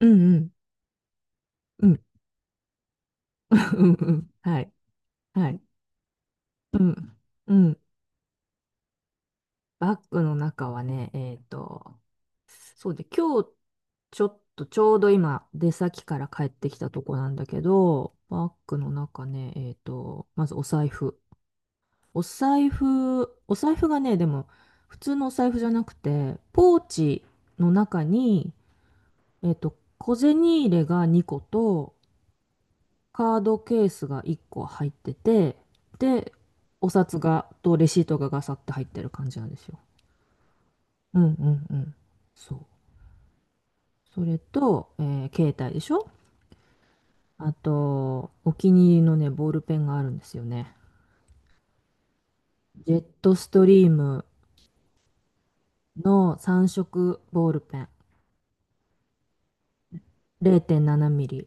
うんうん。うん うんうん。はい。はい。うん。うん。バッグの中はね、そうで、今日ちょっとちょうど今出先から帰ってきたとこなんだけど、バッグの中ね、まずお財布。お財布がね、でも普通のお財布じゃなくて、ポーチの中に、小銭入れが2個と、カードケースが1個入ってて、で、お札が、とレシートがガサって入ってる感じなんですよ。うんうんうん。そう。それと、携帯でしょ？あと、お気に入りのね、ボールペンがあるんですよね。ジェットストリームの3色ボールペン。0.7ミリ。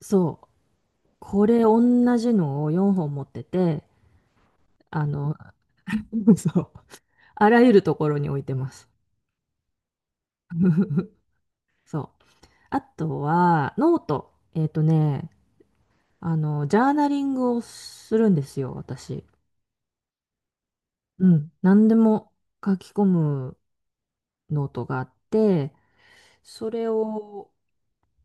そう。これ同じのを4本持ってて、あの、そう。あらゆるところに置いてます。そう。あとは、ノート。ジャーナリングをするんですよ、私。うん。何でも書き込むノートがあって、それを、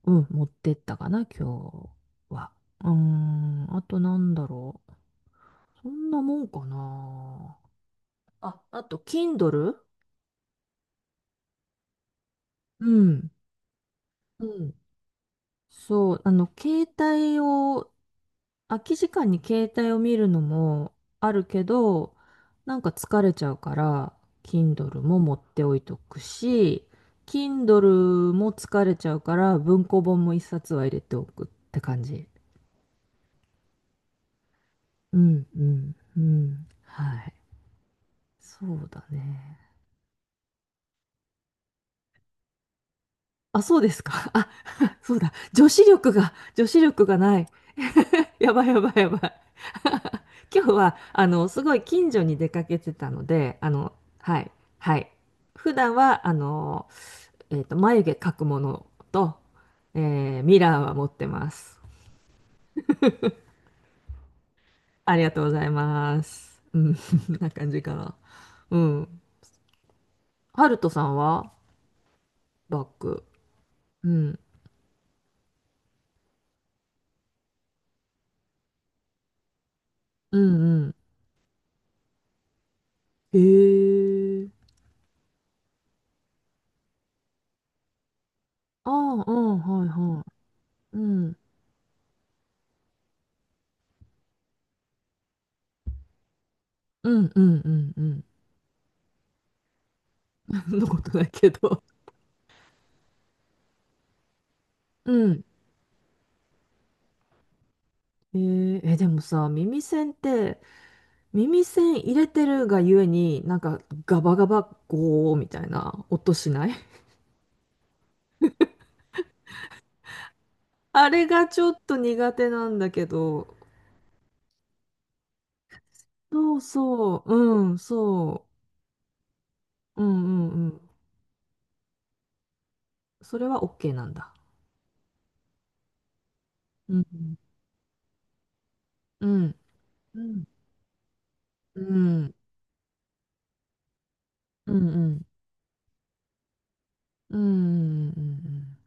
うん、持ってったかな、今日は。うーん、あとなんだろう。そんなもんかな。あ、あと、Kindle？ うん。うん。そう、携帯を空き時間に携帯を見るのもあるけど、なんか疲れちゃうから、Kindle も持っておいとくし、Kindle も疲れちゃうから、文庫本も一冊は入れておくって感じ。うん、うん、うん。はい。そうだね。あ、そうですか。あ、そうだ。女子力がない。やばいやばいやばい。今日は、すごい近所に出かけてたので、はい、はい。普段は、眉毛描くものと、ミラーは持ってます。ありがとうございます。うん、そんな感じかな。うん。ハルトさんはバッグ？うん。うんうん。へえ。ああ、うん、はいはい。うん。うんうんうんうん。そんなことないけど。うん。でもさ、耳栓って、耳栓入れてるがゆえに、なんかガバガバゴーみたいな音しない？ あれがちょっと苦手なんだけど、そうそう、うん、そう、うんうんうん。それは OK なんだ。うん、うん、うん、うん、うん、うん、うん、うん、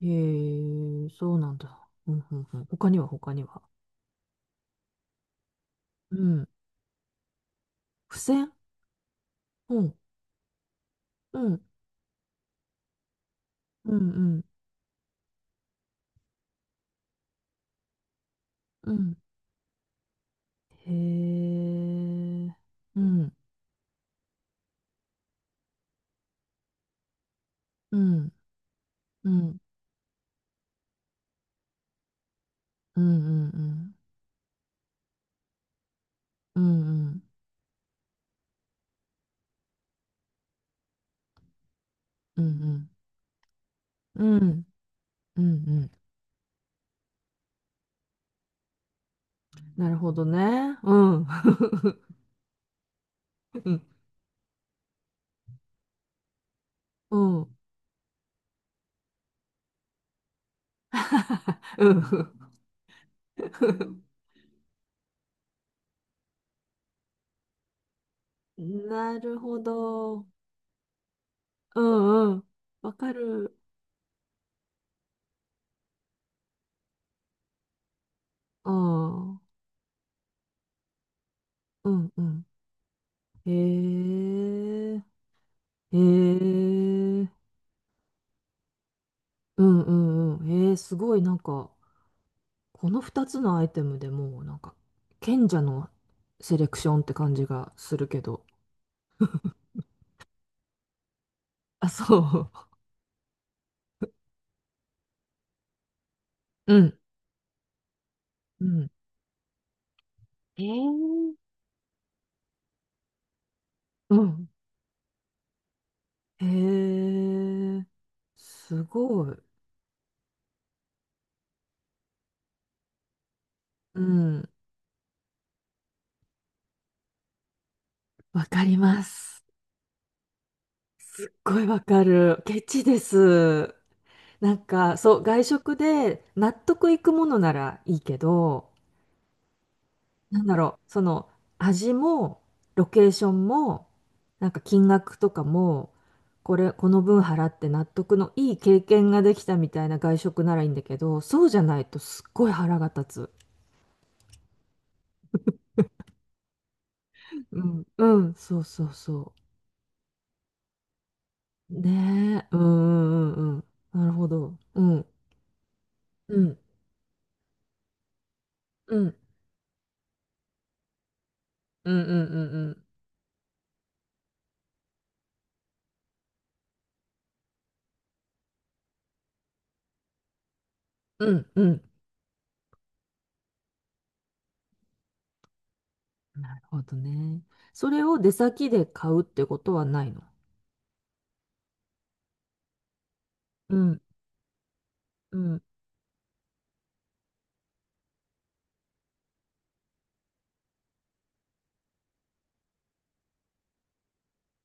うん。へえ、そうなんだ。うん、うん、うん。他には、他には？うん。付箋？うん、うん、うん、うん。うん。へえ。うん、うん、うん、うん、うん、うん、うん、うん、うん、うん、うん、うん。なるほどね。うん、うん、うん、うん。なるほど。うん、うん。わかる。うん、うん、うん。へえ。へえ。うん、うん、うん。へえ、すごい、なんか、この2つのアイテムでもうなんか賢者のセレクションって感じがするけど。あ、そう。うん。うん。えー、うん。へえ、すごい。うん。わかります。すっごいわかる。ケチです。なんか、そう、外食で納得いくものならいいけど、なんだろう、その味も、ロケーションも、なんか金額とかも、これこの分払って納得のいい経験ができたみたいな外食ならいいんだけど、そうじゃないとすっごい腹が立つ。うんうんそうそうそう。ねえ。うんうんうんうん、なるほど。うんうんうんうんうんうんうんうんうん、なるほどね。それを出先で買うってことはないの？うんうん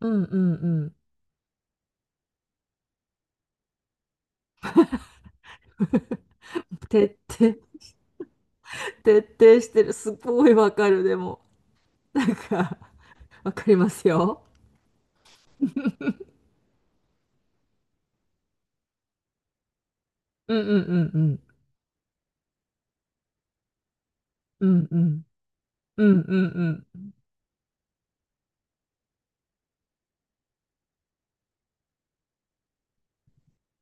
うんうんうん。徹底徹底してる。すごいわかる、でも。なんか、わかりますよ。うんうんうんうん。うんうんうんうん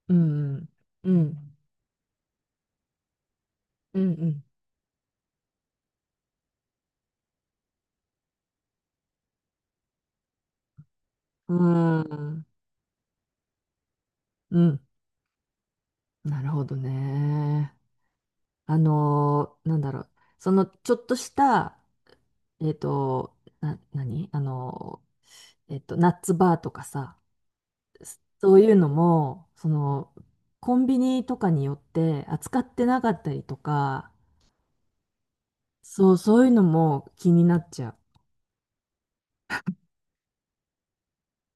うんうんうんうんうんうん、なるほどね。なんだろう。ちょっとした、何ナッツバーとかさ、そういうのも、コンビニとかによって扱ってなかったりとか、そう、そういうのも気になっちゃう。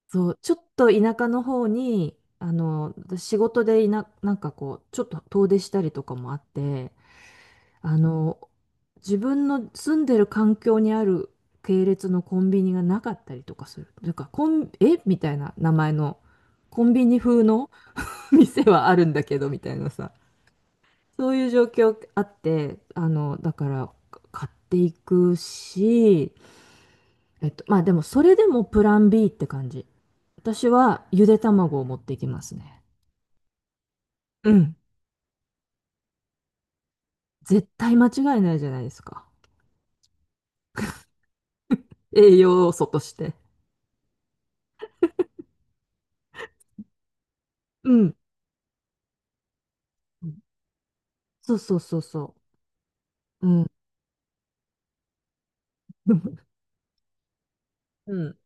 そう、ちょっと田舎の方に、仕事でなんかこう、ちょっと遠出したりとかもあって、あの、自分の住んでる環境にある系列のコンビニがなかったりとかする。とか、コン、えみたいな名前の、コンビニ風の 店はあるんだけど、みたいなさ。そういう状況あって、だから、買っていくし、まあでも、それでもプラン B って感じ。私はゆで卵を持っていきますね。うん。絶対間違いないじゃないですか。栄養素として。うん。そうそうそうそう。うん。うん。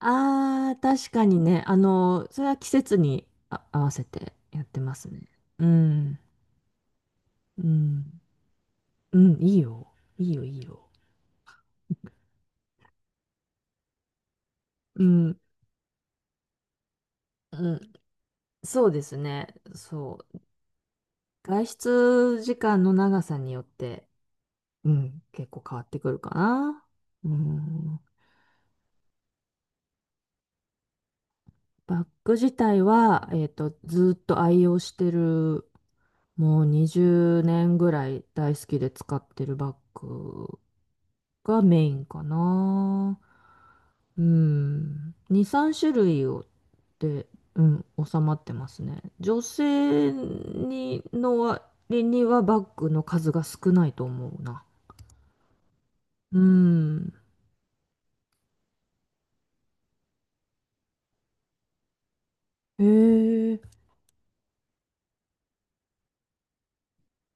ああ、確かにね。それは季節に合わせてやってますね。うん。うん。うん、いいよ。いいよ、いいよ。うん。うん。そうですね。そう。外出時間の長さによって、うん、結構変わってくるかな。うん。バッグ自体は、ずーっと愛用してる、もう20年ぐらい大好きで使ってるバッグがメインかな。うん。2、3種類を、で、うん、収まってますね。女性にの割にはバッグの数が少ないと思うな。うん。へえ、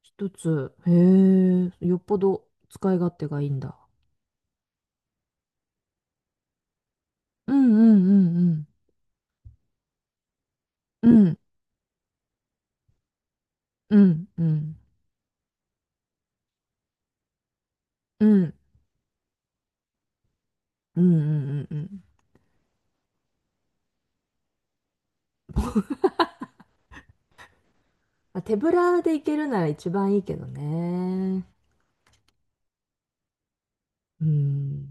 一つ。へえ、よっぽど使い勝手がいいんだ。うんうんうんうん。うんうん、うん、うん、うん、うん、うん、うん。まあ手ぶらで行けるなら一番いいけどね。うん。